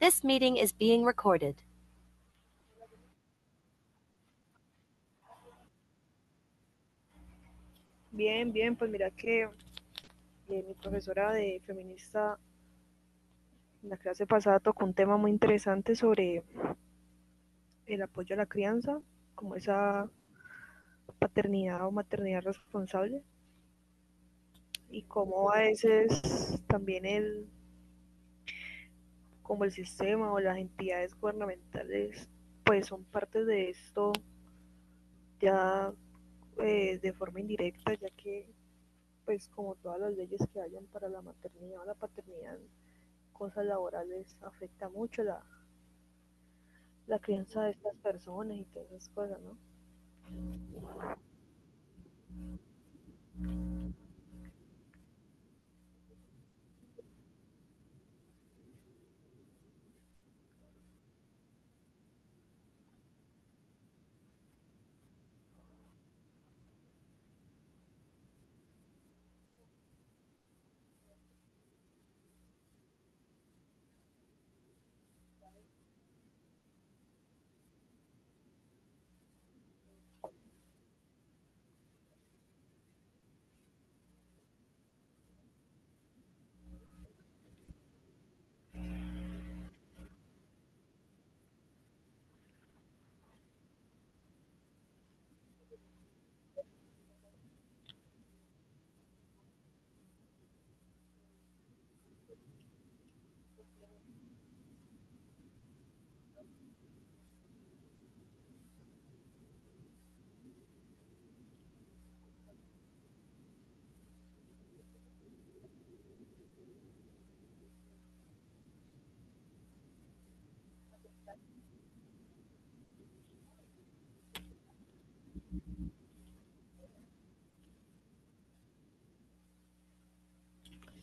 This meeting is being recorded. Bien, bien, pues mira que mi profesora de feminista en la clase pasada tocó un tema muy interesante sobre el apoyo a la crianza, como esa paternidad o maternidad responsable y cómo a veces también como el sistema o las entidades gubernamentales pues son parte de esto ya de forma indirecta, ya que pues como todas las leyes que hayan para la maternidad o la paternidad, cosas laborales, afecta mucho la crianza de estas personas y todas esas cosas, ¿no?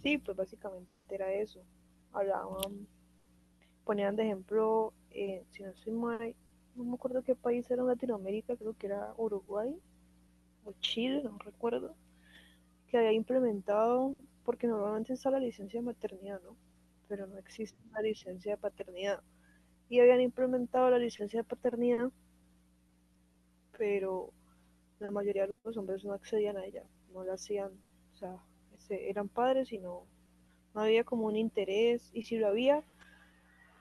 Sí, pues básicamente era eso. Hablaban, ponían de ejemplo, si no soy mal, no me acuerdo qué país era en Latinoamérica, creo que era Uruguay o Chile, no recuerdo, que había implementado, porque normalmente está la licencia de maternidad, ¿no? Pero no existe la licencia de paternidad. Y habían implementado la licencia de paternidad, pero la mayoría de los hombres no accedían a ella, no la hacían, o sea, eran padres y no había como un interés, y si lo había,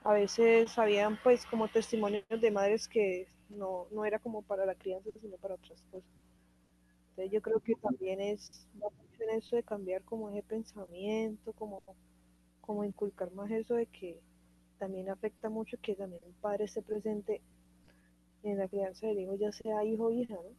a veces habían pues como testimonios de madres que no, no era como para la crianza, sino para otras cosas. Entonces yo creo que también es la mucho eso de cambiar como ese pensamiento, como, como inculcar más eso de que también afecta mucho que también el padre esté presente en la crianza del hijo, ya sea hijo o hija, ¿no?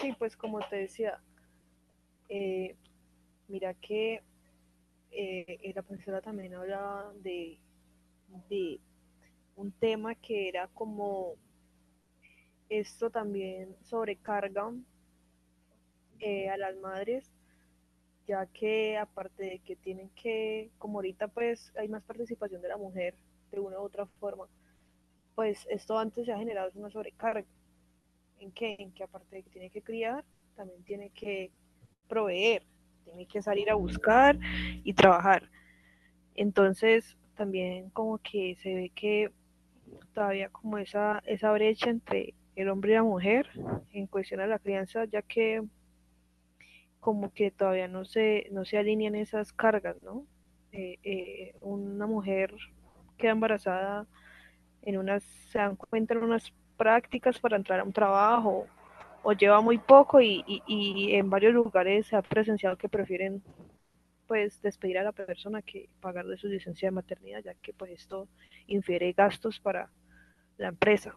Sí, pues como te decía, eh, mira que la profesora también hablaba de un tema que era como esto también sobrecarga a las madres, ya que aparte de que tienen que, como ahorita pues hay más participación de la mujer de una u otra forma, pues esto antes se ha generado una sobrecarga. ¿En qué? En que aparte de que tiene que criar, también tiene que proveer, tiene que salir a buscar y trabajar. Entonces también como que se ve que todavía como esa brecha entre el hombre y la mujer en cuestión a la crianza, ya que como que todavía no se, no se alinean esas cargas, ¿no? Una mujer queda embarazada en unas, se dan cuenta en unas prácticas para entrar a un trabajo o lleva muy poco y en varios lugares se ha presenciado que prefieren pues despedir a la persona que pagar de su licencia de maternidad, ya que pues esto infiere gastos para la empresa.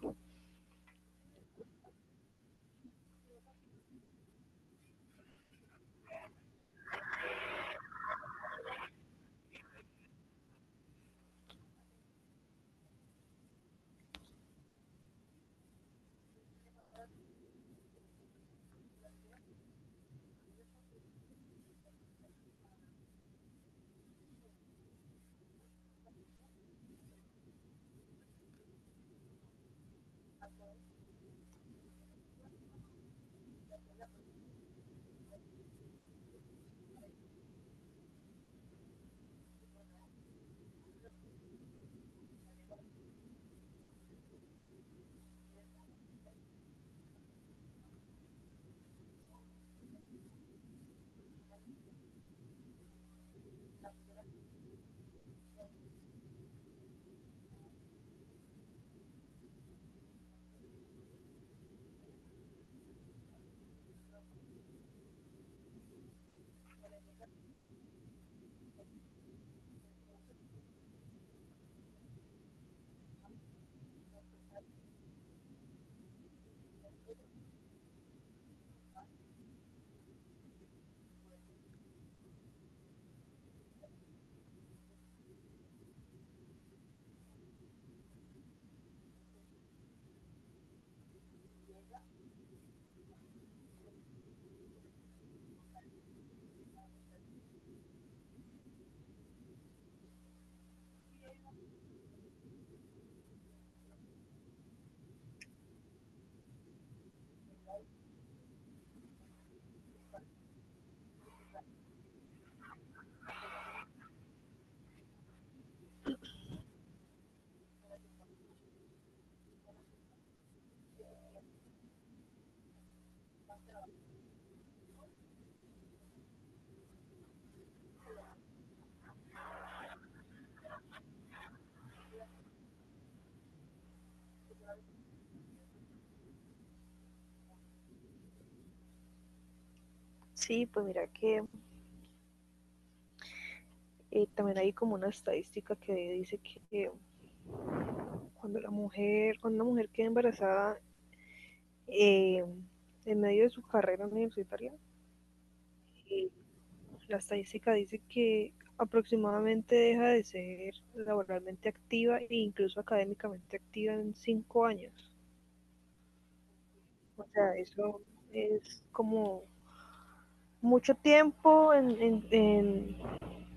Sí, pues mira que también hay como una estadística que dice que cuando la mujer, cuando una mujer queda embarazada, eh, en medio de su carrera universitaria, eh, la estadística dice que aproximadamente deja de ser laboralmente activa e incluso académicamente activa en 5 años. O sea, eso es como mucho tiempo en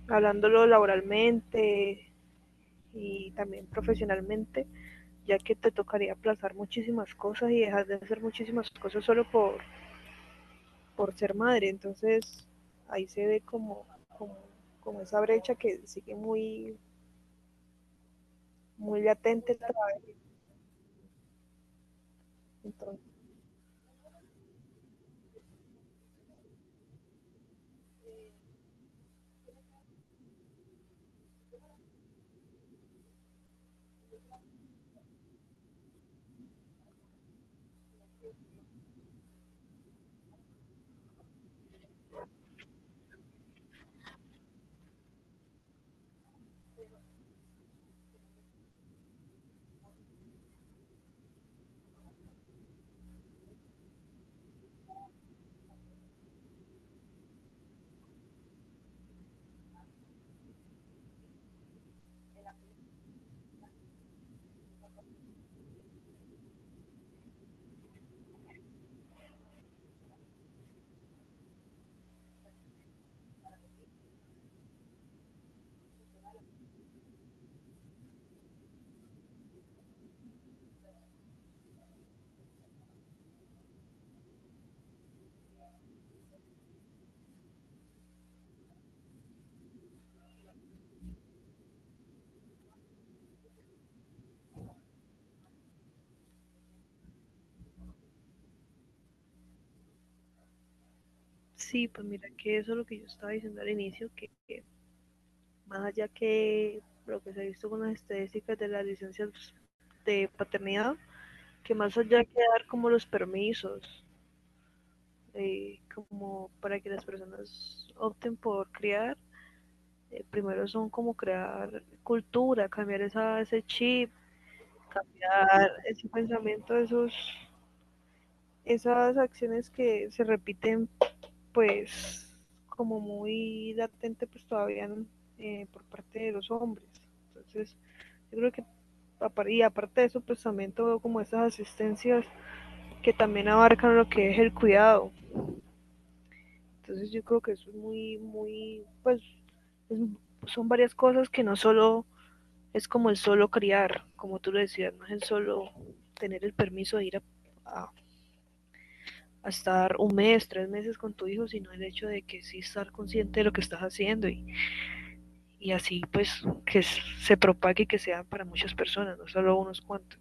hablándolo laboralmente y también profesionalmente, ya que te tocaría aplazar muchísimas cosas y dejar de hacer muchísimas cosas solo por ser madre. Entonces ahí se ve como, como, como esa brecha que sigue muy, muy latente. Entonces, sí, pues mira que eso es lo que yo estaba diciendo al inicio, que más allá que lo que se ha visto con las estadísticas de las licencias de paternidad, que más allá que dar como los permisos, como para que las personas opten por criar, primero son como crear cultura, cambiar esa, ese chip, cambiar ese pensamiento, esos, esas acciones que se repiten pues como muy latente pues todavía por parte de los hombres. Entonces yo creo que y aparte de eso pues también todo como esas asistencias que también abarcan lo que es el cuidado. Entonces yo creo que eso es muy, muy, pues es, son varias cosas que no solo es como el solo criar, como tú lo decías, no es el solo tener el permiso de ir a- a estar un mes, 3 meses con tu hijo, sino el hecho de que sí estar consciente de lo que estás haciendo y así pues que se propague y que sea para muchas personas, no solo unos cuantos.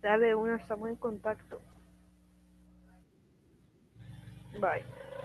Dale una, estamos en contacto. Bye.